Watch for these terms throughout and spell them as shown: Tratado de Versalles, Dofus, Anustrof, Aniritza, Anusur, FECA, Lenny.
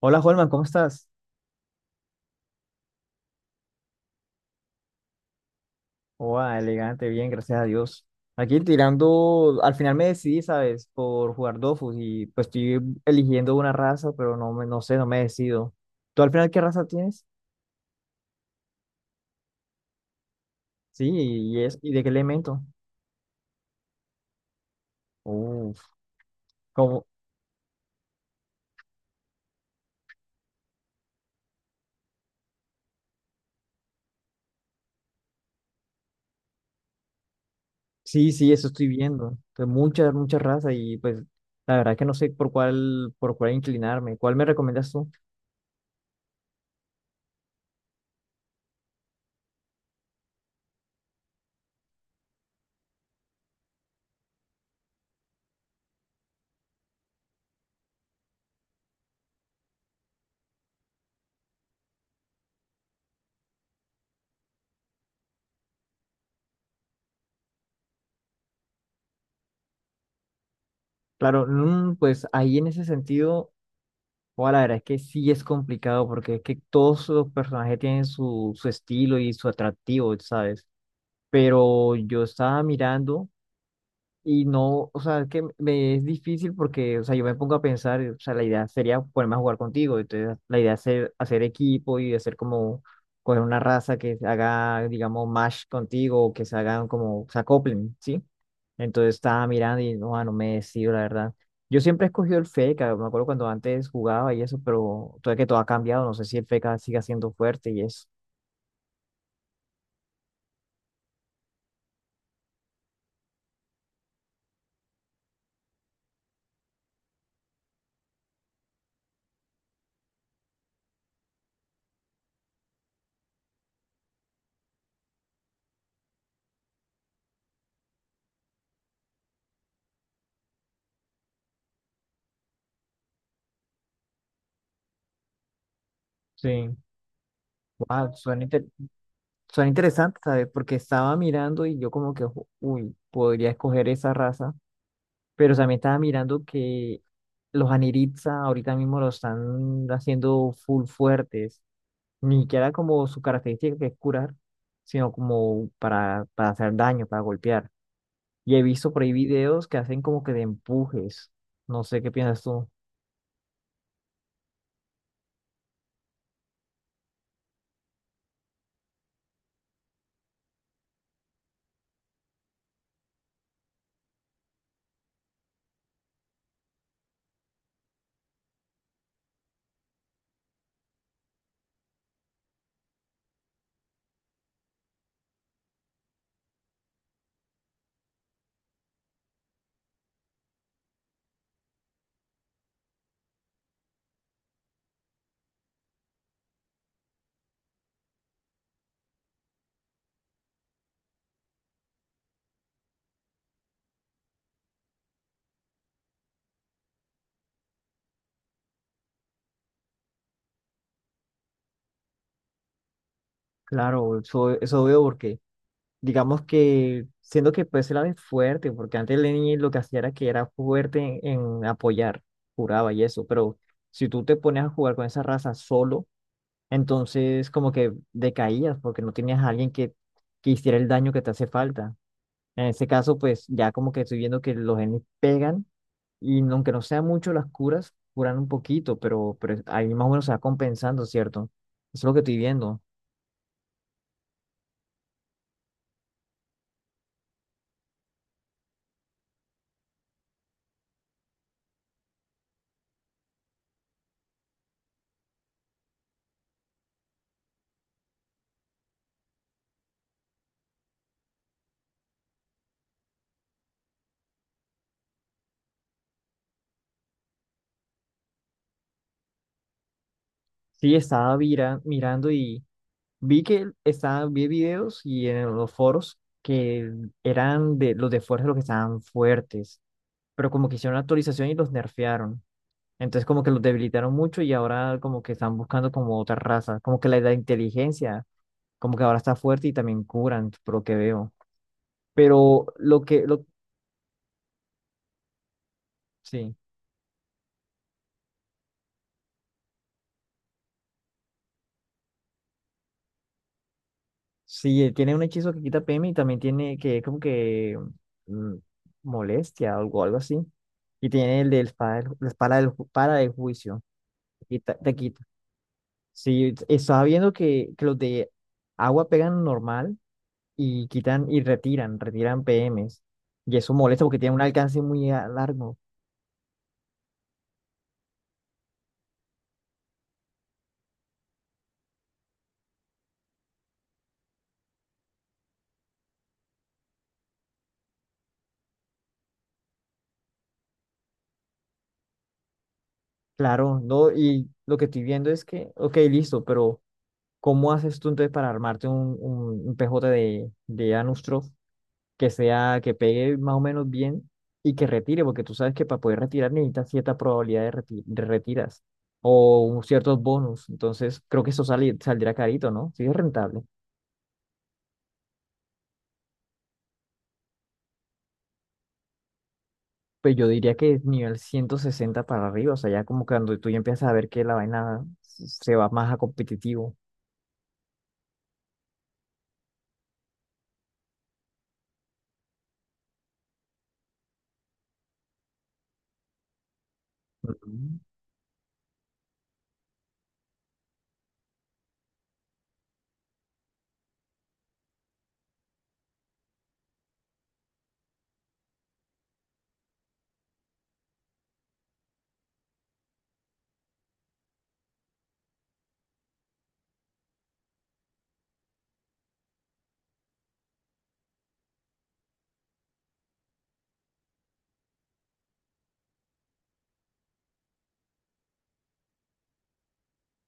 Hola, Holman, ¿cómo estás? Hola, elegante, bien, gracias a Dios. Aquí tirando, al final me decidí, ¿sabes? Por jugar Dofus y pues estoy eligiendo una raza, pero no sé, no me decido. ¿Tú al final qué raza tienes? Sí, y es, ¿y de qué elemento? Uf, como, sí, eso estoy viendo. Pues muchas razas y pues la verdad que no sé por cuál inclinarme. ¿Cuál me recomiendas tú? Claro, mm, pues ahí en ese sentido. Bueno, la verdad es que sí es complicado porque es que todos los personajes tienen su estilo y su atractivo, ¿sabes? Pero yo estaba mirando. Y no, o sea, es que me es difícil porque, o sea, yo me pongo a pensar, o sea, la idea sería ponerme a jugar contigo, entonces la idea es hacer, hacer equipo y hacer como, coger una raza que haga, digamos, match contigo, o que se hagan como, se acoplen, ¿sí? Entonces estaba mirando y no, ah, no me decido, la verdad. Yo siempre he escogido el FECA, me acuerdo cuando antes jugaba y eso, pero todavía que todo ha cambiado, no sé si el FECA siga siendo fuerte y eso. Sí, wow. Son interesantes, ¿sabes? Porque estaba mirando y yo como que, "Ojo, uy, podría escoger esa raza, pero también estaba mirando que los Aniritza ahorita mismo lo están haciendo full fuertes, ni siquiera como su característica que es curar, sino para hacer daño, para golpear. Y he visto por ahí videos que hacen como que de empujes, no sé qué piensas tú. Claro, eso veo porque digamos que siendo que pues él era fuerte, porque antes Lenny lo que hacía era que era fuerte en apoyar, juraba y eso, pero si tú te pones a jugar con esa raza solo, entonces como que decaías porque no tenías a alguien que hiciera el daño que te hace falta. En ese caso, pues ya como que estoy viendo que los genes pegan aunque no sean mucho las curas, curan un poquito, pero ahí más o menos se va compensando, ¿cierto? Eso es lo que estoy viendo. Sí, mirando y... Vi que estaban, vi videos y en los foros que eran de los de fuerza los que estaban fuertes, pero como que hicieron la actualización y los nerfearon. Entonces como que los debilitaron mucho y ahora como que están buscando como otra raza, como que la inteligencia, como que ahora está fuerte y también curan, por lo que veo. Pero sí, sí, tiene un hechizo que quita PM y también tiene que es como que mm, molestia o algo así. Y tiene el de la espada para el juicio. Te quita. Sí, estaba viendo que los de agua pegan normal y quitan y retiran PMs. Y eso molesta porque tiene un alcance largo. Claro, ¿no? Y lo que estoy viendo es que, ok, listo, pero ¿cómo haces tú entonces para armarte un PJ de Anustro que sea, que pegue más o menos bien y que retire, porque tú sabes que para poder retirar necesitas cierta probabilidad de, de retiras ciertos bonus. Entonces, creo que eso saldrá carito, ¿no? Sí, es rentable. Pues yo diría que nivel 160 para arriba, o sea, ya como cuando tú ya empiezas a ver que la vaina se va más a competitivo. Ujú.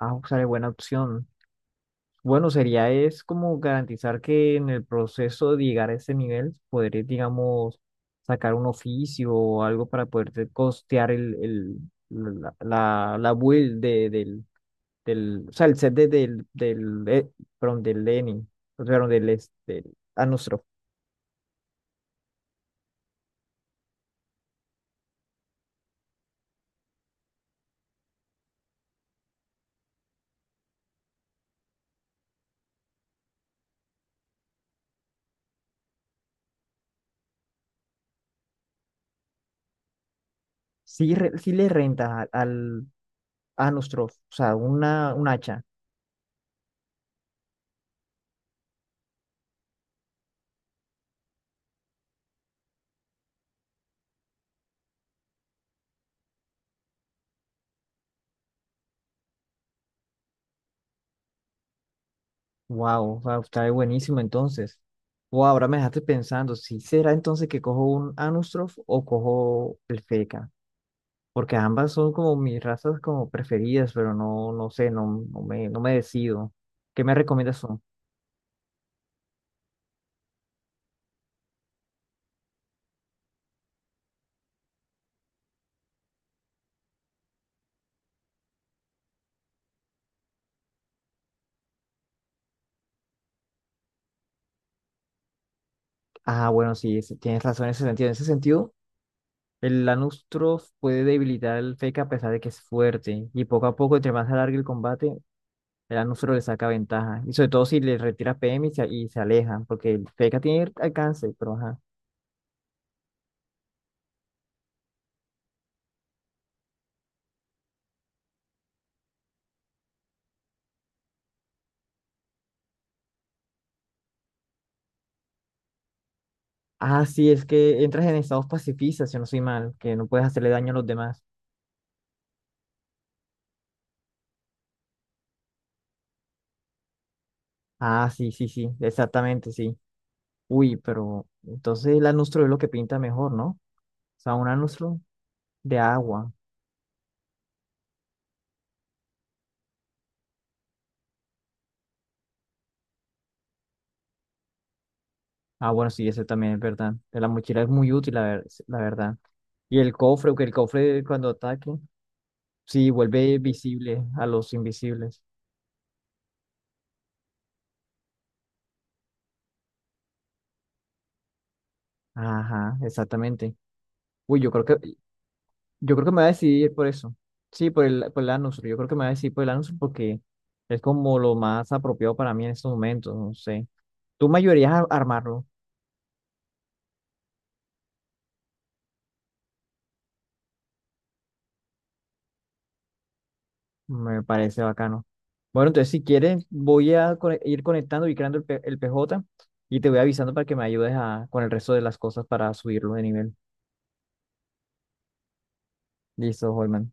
Ah, sale buena opción. Bueno, sería es como garantizar que en el proceso de llegar a ese nivel podré, digamos, sacar un oficio o algo para poderte costear el, la build del, del, o sea, el set del, perdón, del Lenin, o sea, del Anostrof. Sí, sí le renta al Anostrof, o sea, una, un hacha. Wow, wow, está buenísimo entonces. Wow, ahora me dejaste pensando, ¿si será entonces que cojo un Anustrof o cojo el Feca? Porque ambas son como mis razas como preferidas, pero no sé, no me, no me decido. ¿Qué me recomiendas tú? Ah, bueno, sí, tienes razón en ese sentido. En ese sentido, el Anustrof puede debilitar al Feca a pesar de que es fuerte. Y poco a poco, entre más se alargue el combate, el Anustrof le saca ventaja. Y sobre todo si le retira PM y se aleja, porque el Feca tiene alcance, pero ajá. Ah, sí, es que entras en estados pacifistas, si no soy mal, que no puedes hacerle daño a los demás. Ah, sí, exactamente, sí. Uy, pero entonces el anustro es lo que pinta mejor, ¿no? O sea, un anustro de agua. Ah, bueno, sí, eso también es verdad. La mochila es muy útil, la verdad. Y el cofre, que el cofre cuando ataque, sí, vuelve visible a los invisibles. Ajá, exactamente. Uy, yo creo que me voy a decidir por eso. Sí, por el Anusur. Yo creo que me voy a decidir por el Anusur porque es como lo más apropiado para mí en estos momentos. No sé. Tú me ayudarías a armarlo. Me parece bacano. Bueno, entonces si quieres, voy a ir conectando y creando el PJ y te voy avisando para que me ayudes a, con el resto de las cosas para subirlo de nivel. Listo, Holman.